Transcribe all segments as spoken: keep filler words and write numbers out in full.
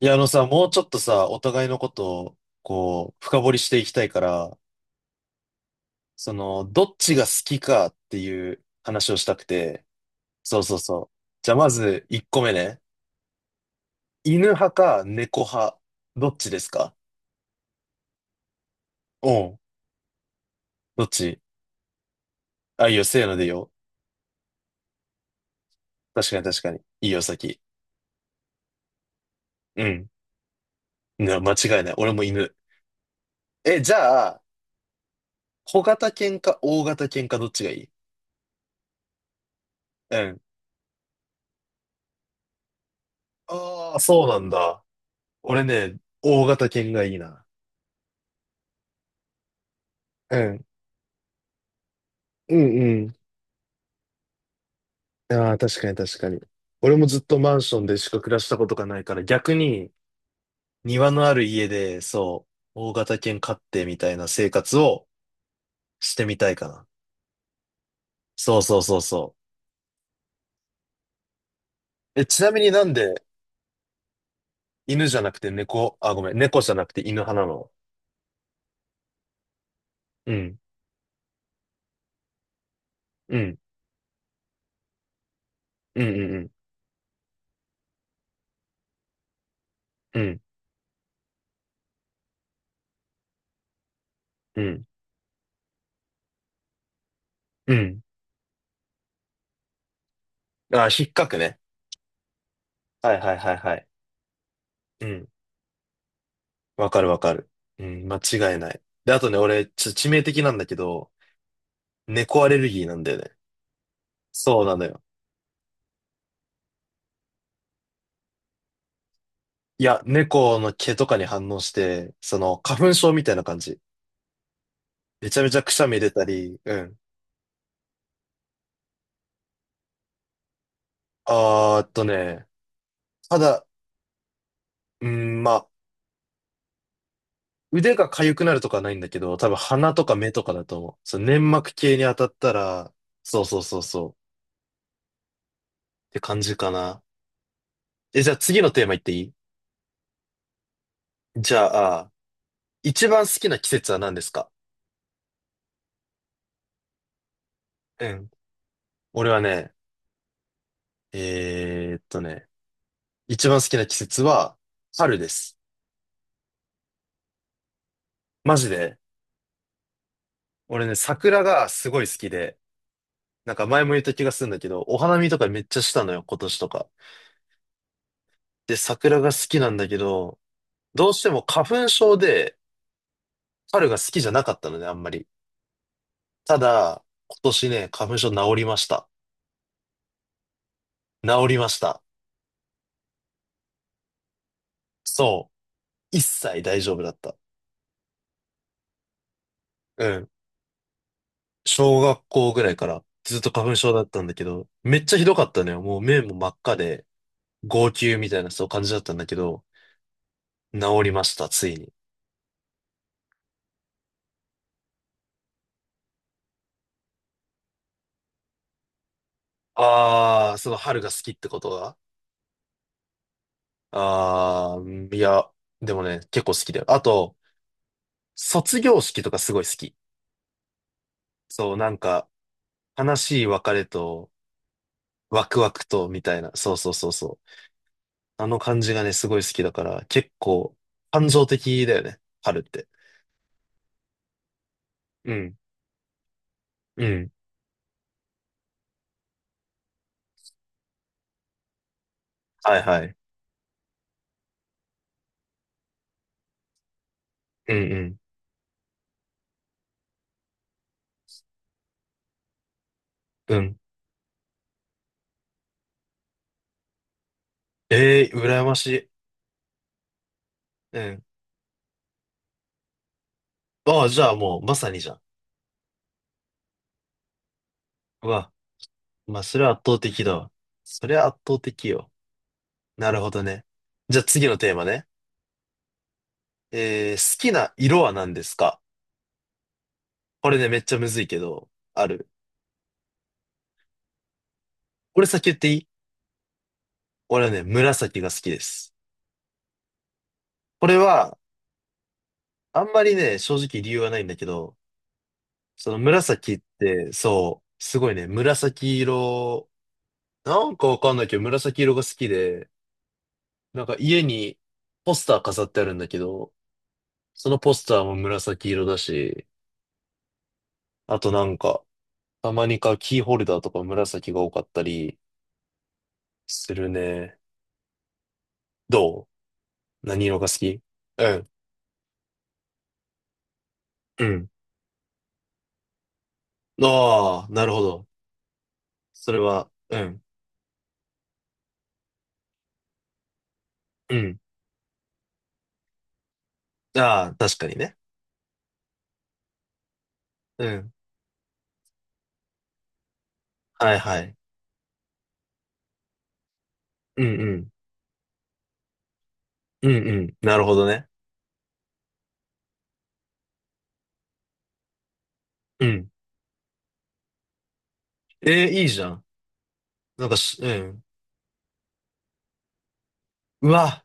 いや、あのさ、もうちょっとさ、お互いのことを、こう、深掘りしていきたいから、その、どっちが好きかっていう話をしたくて、そうそうそう。じゃあ、まず、いっこめね。犬派か猫派、どっちですか？おうん。どっち？あ、いいよ、せーのでいいよ。確かに確かに。いいよ、先。うん。ね、間違いない。俺も犬。え、じゃあ、小型犬か大型犬かどっちがいい？うん。ああ、そうなんだ。俺ね、大型犬がいいな。うん。うん、ああ、確かに確かに。俺もずっとマンションでしか暮らしたことがないから、逆に庭のある家で、そう、大型犬飼ってみたいな生活をしてみたいかな。そうそうそうそう。え、ちなみになんで犬じゃなくて猫、あ、ごめん、猫じゃなくて犬派なの？うん、うん、うん、うん、うん、うん、うん。ああ、引っかくね。はいはいはいはい。うん、わかるわかる。うん、間違いない。で、あとね、俺、ちょ、致命的なんだけど、猫アレルギーなんだよね。そうなのよ。いや、猫の毛とかに反応して、その、花粉症みたいな感じ。めちゃめちゃくしゃみ出たり、うん。あーっとね、ただ、うん、まあ、腕が痒くなるとかはないんだけど、多分鼻とか目とかだと思う。そう、粘膜系に当たったら、そうそうそうそう、って感じかな。え、じゃあ次のテーマいっていい？じゃあ、一番好きな季節は何ですか？うん。俺はね、えーっとね、一番好きな季節は、春です。マジで。俺ね、桜がすごい好きで、なんか前も言った気がするんだけど、お花見とかめっちゃしたのよ、今年とか。で、桜が好きなんだけど、どうしても花粉症で春が好きじゃなかったのね、あんまり。ただ、今年ね、花粉症治りました。治りました。そう。一切大丈夫だった。うん。小学校ぐらいからずっと花粉症だったんだけど、めっちゃひどかったのよ。もう目も真っ赤で、号泣みたいなそう感じだったんだけど、治りました、ついに。あー、その春が好きってことが。ああ、いや、でもね、結構好きだよ。あと、卒業式とかすごい好き。そう、なんか、悲しい別れと、ワクワクと、みたいな。そうそうそうそう。あの感じがね、すごい好きだから、結構、感情的だよね、春って。うん、うん、はいはい。うん、うん、うん。ええー、羨ましい。うん。ああ、じゃあもう、まさにじゃん。うわ、まあ、それは圧倒的だわ。それは圧倒的よ。なるほどね。じゃあ次のテーマね。えー、好きな色は何ですか？これね、めっちゃむずいけど、ある。俺先言っていい？俺はね、紫が好きです。これは、あんまりね、正直理由はないんだけど、その紫って、そう、すごいね、紫色、なんかわかんないけど、紫色が好きで、なんか家にポスター飾ってあるんだけど、そのポスターも紫色だし、あとなんか、たまに買うキーホルダーとか紫が多かったりするね。どう、何色が好き？うん。うん、ああ、なるほど。それは、うん。うん、ああ、確かにね。うん。はいはい。うんうん。うんうん。なるほどね。うん。えー、いいじゃん。なんかし、うん。うわ、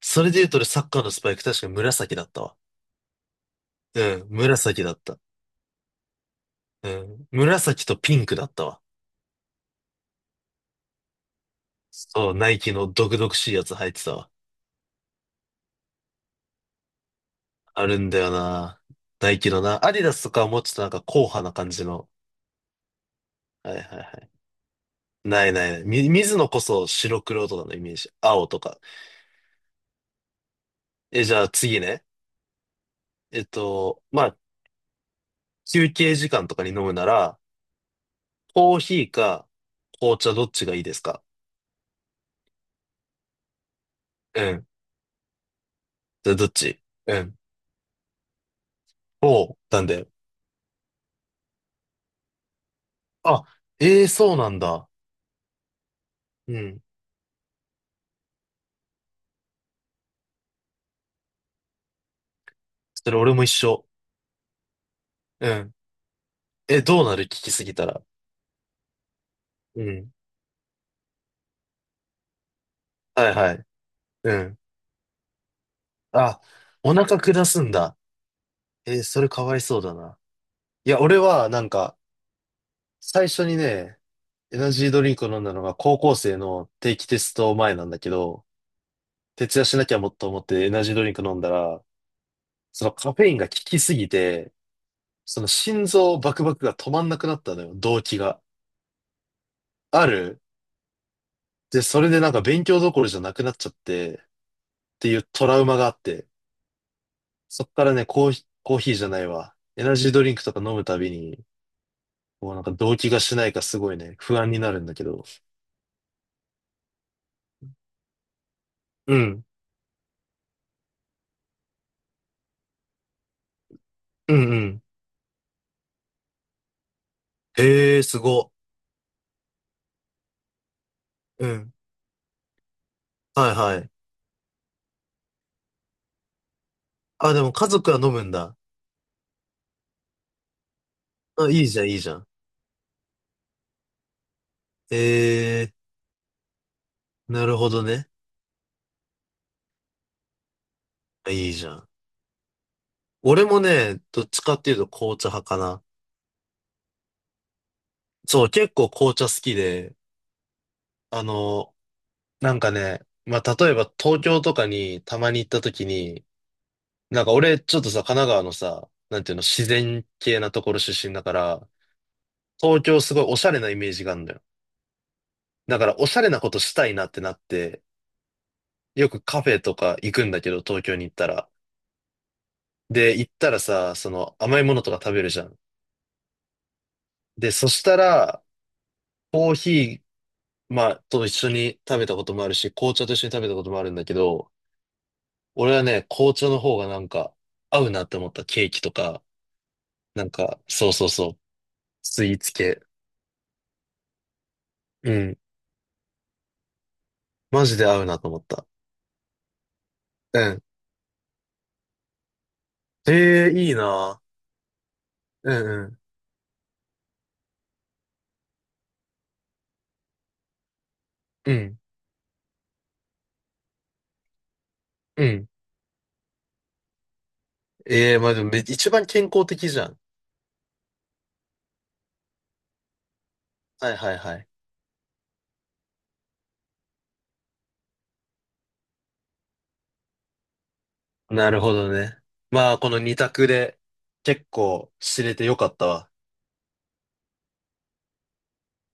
それで言うと俺サッカーのスパイク確かに紫だったわ。うん、紫だった。うん。紫とピンクだったわ。そう、ナイキの毒々しいやつ入ってたわ。あるんだよな。ナイキのな。アディダスとかはもうちょっとなんか硬派な感じの。はいはいはい。ないない。み、水野こそ白黒とかのイメージ。青とか。え、じゃあ次ね。えっと、まあ、休憩時間とかに飲むなら、コーヒーか紅茶どっちがいいですか？うん。じゃあどっち？うん。おう、なんだよ。あ、ええ、そうなんだ。うん。それ俺も一緒。うん。え、どうなる、聞きすぎたら。うん。はいはい。うん。あ、お腹下すんだ。えーそれかわいそうだな。いや、俺はなんか、最初にね、エナジードリンクを飲んだのが高校生の定期テスト前なんだけど、徹夜しなきゃもっと思ってエナジードリンク飲んだら、そのカフェインが効きすぎて、その心臓バクバクが止まんなくなったのよ、動悸が。ある。で、それでなんか勉強どころじゃなくなっちゃって、っていうトラウマがあって、そっからね、コーヒー、コーヒーじゃないわ。エナジードリンクとか飲むたびに、もうなんか動悸がしないかすごいね、不安になるんだけど。うん。うんうん。へえ、すご。うん。はい。あ、でも家族は飲むんだ。あ、いいじゃん、いいじゃん。えー、なるほどね。あ、いいじゃん。俺もね、どっちかっていうと紅茶派かな。そう、結構紅茶好きで、あの、なんかね、まあ、例えば東京とかにたまに行った時に、なんか俺ちょっとさ、神奈川のさ、なんていうの、自然系なところ出身だから、東京すごいおしゃれなイメージがあるんだよ。だからおしゃれなことしたいなってなって、よくカフェとか行くんだけど、東京に行ったら。で、行ったらさ、その甘いものとか食べるじゃん。で、そしたら、コーヒー、まあ、と一緒に食べたこともあるし、紅茶と一緒に食べたこともあるんだけど、俺はね、紅茶の方がなんか合うなって思ったケーキとか、なんか、そうそうそう、スイーツ系。うん。マジで合うなと思った。うん。ええ、いいな。うんうん。うん。うん。ええ、まあでもめ一番健康的じゃん。はいはいはい。なるほどね。まあ、この二択で結構知れてよかったわ。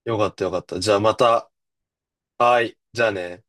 よかったよかった。じゃあまた、はい。じゃあね。